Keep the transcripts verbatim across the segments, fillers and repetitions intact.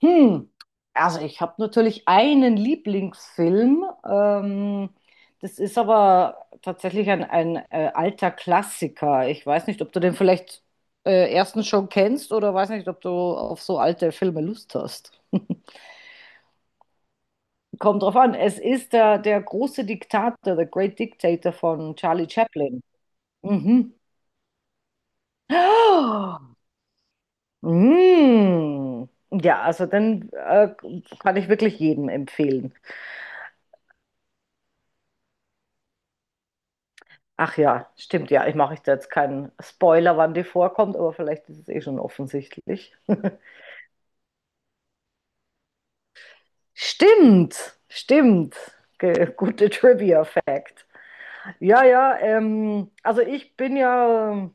Hm, also ich habe natürlich einen Lieblingsfilm. Ähm, das ist aber tatsächlich ein, ein äh, alter Klassiker. Ich weiß nicht, ob du den vielleicht äh, erstens schon kennst oder weiß nicht, ob du auf so alte Filme Lust hast. Kommt drauf an. Es ist der, der große Diktator, The Great Dictator von Charlie Chaplin. Mhm. Ah, mm. Ja, also dann äh, kann ich wirklich jedem empfehlen. Ach ja, stimmt, ja. Ich mache jetzt keinen Spoiler, wann die vorkommt, aber vielleicht ist es eh schon offensichtlich. Stimmt, stimmt. Ge Gute Trivia-Fact. Ja, ja, ähm, also ich bin ja ähm,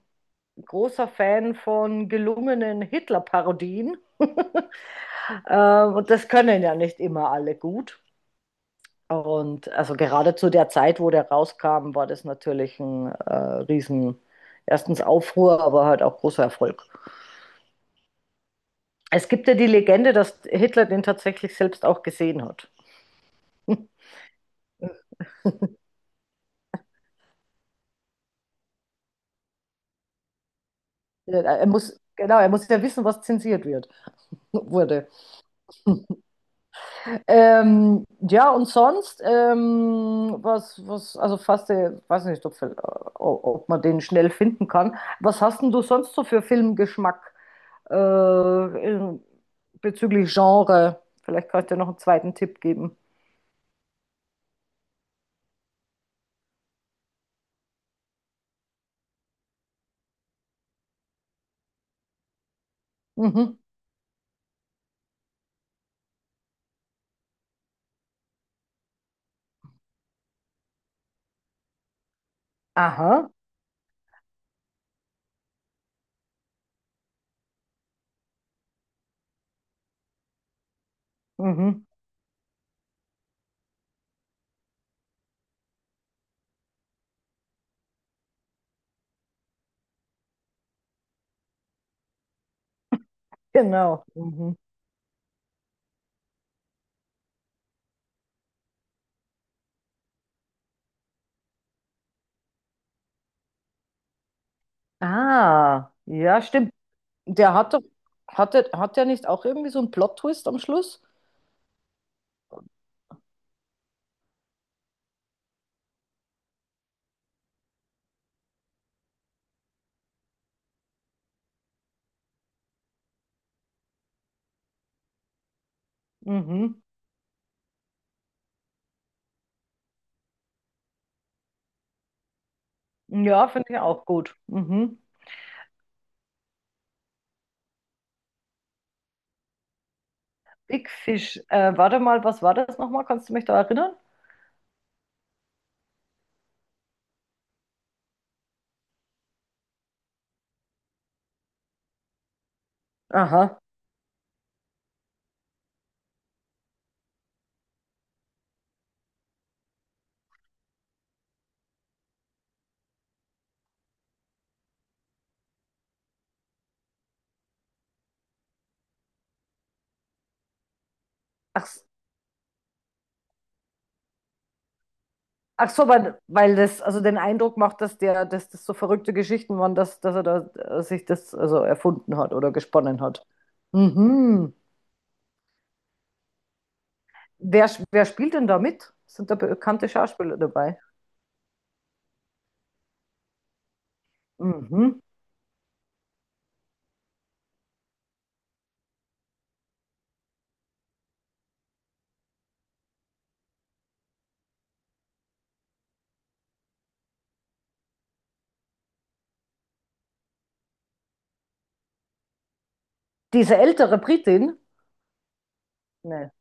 großer Fan von gelungenen Hitler-Parodien. Ähm, und das können ja nicht immer alle gut. Und also gerade zu der Zeit, wo der rauskam, war das natürlich ein äh, riesen, erstens Aufruhr, aber halt auch großer Erfolg. Es gibt ja die Legende, dass Hitler den tatsächlich selbst auch gesehen hat. Er muss, genau, er muss ja wissen, was zensiert wird, wurde. Ähm, ja, und sonst, ähm, was, was, also fast, äh, weiß nicht, ob, ob, man den schnell finden kann. Was hast denn du sonst so für Filmgeschmack äh, in, bezüglich Genre? Vielleicht kannst du dir noch einen zweiten Tipp geben. Mhm. Aha, mhm, genau. Mhm. Ah, ja, stimmt. Der hat doch, hat der, hat der nicht auch irgendwie so einen Plot-Twist am Schluss? Mhm. Ja, finde ich auch gut. Mhm. Big Fish. Äh, warte mal, was war das nochmal? Kannst du mich da erinnern? Aha. Ach, s- Ach so, weil, weil das also den Eindruck macht, dass der, dass das so verrückte Geschichten waren, dass, dass er da äh, sich das also erfunden hat oder gesponnen hat. Mhm. Wer, sch- wer spielt denn da mit? Sind da bekannte Schauspieler dabei? Mhm. Diese ältere Britin? Nee.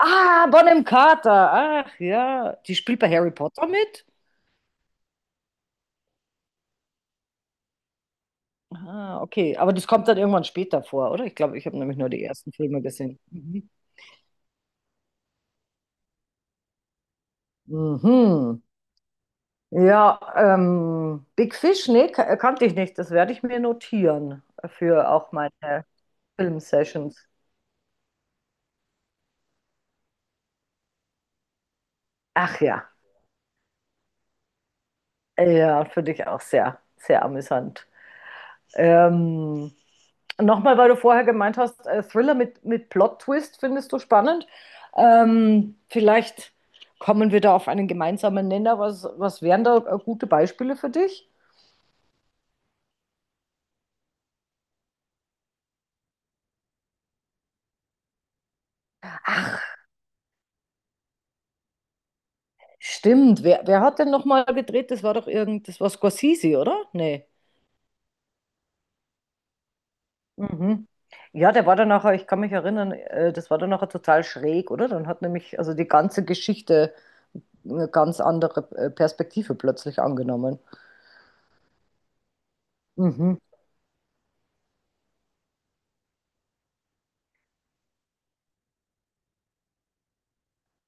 Ah, Bonham Carter. Ach ja, die spielt bei Harry Potter mit? Ah, okay, aber das kommt dann irgendwann später vor, oder? Ich glaube, ich habe nämlich nur die ersten Filme gesehen. Mhm. Mhm. Ja, ähm, Big Fish, nee, ka- kannte ich nicht. Das werde ich mir notieren für auch meine Filmsessions. Ach ja, ja, für dich auch sehr, sehr amüsant. Ähm, Nochmal, weil du vorher gemeint hast, äh, Thriller mit, mit Plot-Twist findest du spannend. Ähm, vielleicht kommen wir da auf einen gemeinsamen Nenner. Was, was wären da äh, gute Beispiele für dich? Ach, stimmt. Wer, wer hat denn nochmal gedreht? Das war doch irgend, das war Scorsese, oder? Nee. Mhm. Ja, der war dann nachher, ich kann mich erinnern, äh, das war dann nachher total schräg, oder? Dann hat nämlich also die ganze Geschichte eine ganz andere äh, Perspektive plötzlich angenommen. Mhm.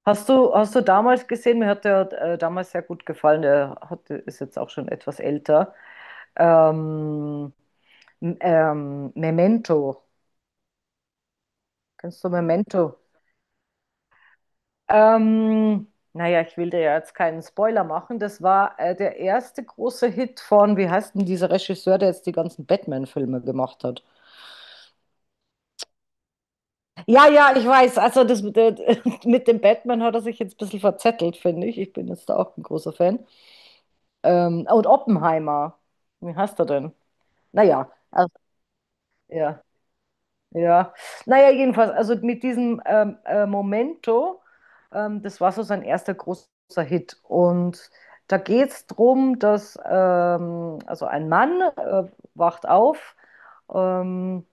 Hast du, hast du damals gesehen, mir hat der äh, damals sehr gut gefallen, der hat, ist jetzt auch schon etwas älter. Ähm, m- ähm, Memento. Kennst du Memento? Ähm, naja, ich will dir ja jetzt keinen Spoiler machen. Das war äh, der erste große Hit von, wie heißt denn dieser Regisseur, der jetzt die ganzen Batman-Filme gemacht hat? Ja, ja, ich weiß. Also das, mit der- mit dem Batman hat er sich jetzt ein bisschen verzettelt, finde ich. Ich bin jetzt da auch ein großer Fan. Ähm, und Oppenheimer. Wie heißt er denn? Naja, also, ja, ja. Naja, jedenfalls, also mit diesem ähm, äh, Momento, ähm, das war so sein erster großer Hit. Und da geht es darum, dass ähm, also ein Mann äh, wacht auf ähm,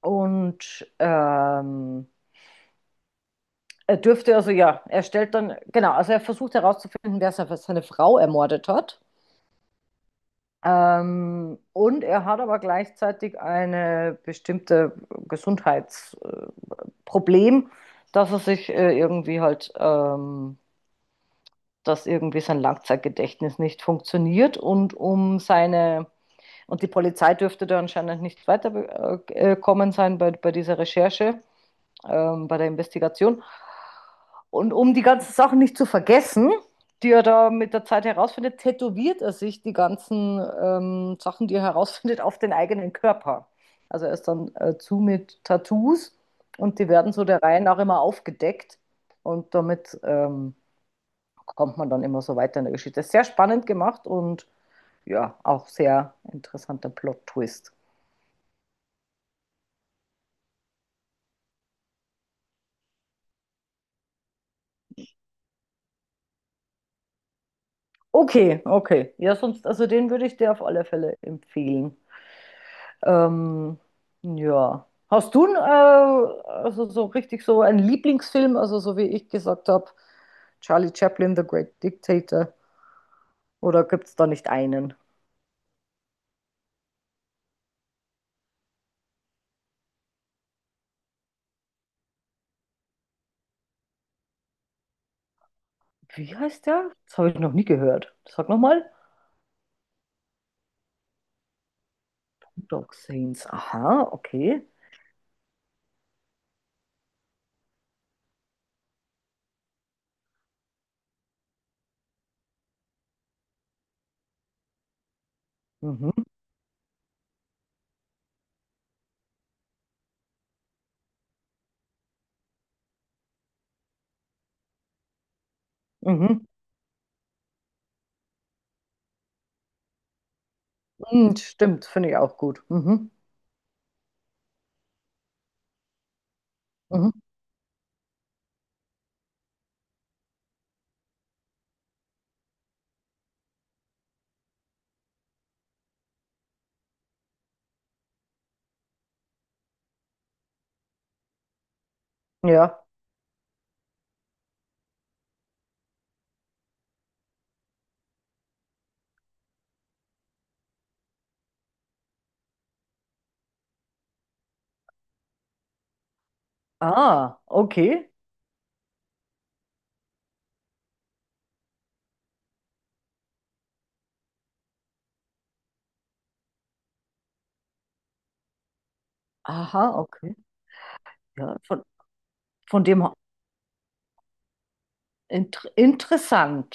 und ähm, er dürfte, also ja, er stellt dann, genau, also er versucht herauszufinden, wer se- seine Frau ermordet hat. Ähm, und er hat aber gleichzeitig eine bestimmte Gesundheitsproblematik. Problem, dass er sich äh, irgendwie halt, ähm, dass irgendwie sein Langzeitgedächtnis nicht funktioniert und um seine, und die Polizei dürfte da anscheinend nicht weitergekommen äh, sein bei, bei dieser Recherche, ähm, bei der Investigation. Und um die ganzen Sachen nicht zu vergessen, die er da mit der Zeit herausfindet, tätowiert er sich die ganzen ähm, Sachen, die er herausfindet, auf den eigenen Körper. Also er ist dann äh, zu mit Tattoos und die werden so der Reihe nach immer aufgedeckt und damit ähm, kommt man dann immer so weiter in der Geschichte. Sehr spannend gemacht und ja, auch sehr interessanter Plot-Twist. Okay, okay. Ja, sonst, also den würde ich dir auf alle Fälle empfehlen. Ähm, ja. Hast du, n, äh, also so richtig so einen Lieblingsfilm, also so wie ich gesagt habe, Charlie Chaplin, The Great Dictator, oder gibt es da nicht einen? Wie heißt der? Das habe ich noch nie gehört. Sag nochmal. Dog Saints. Aha, okay. Mhm, mhm. Mhm, stimmt, finde ich auch gut. Mhm, mhm. Ja. Ah, okay. Aha, okay. Ja, von, von dem her- inter interessant.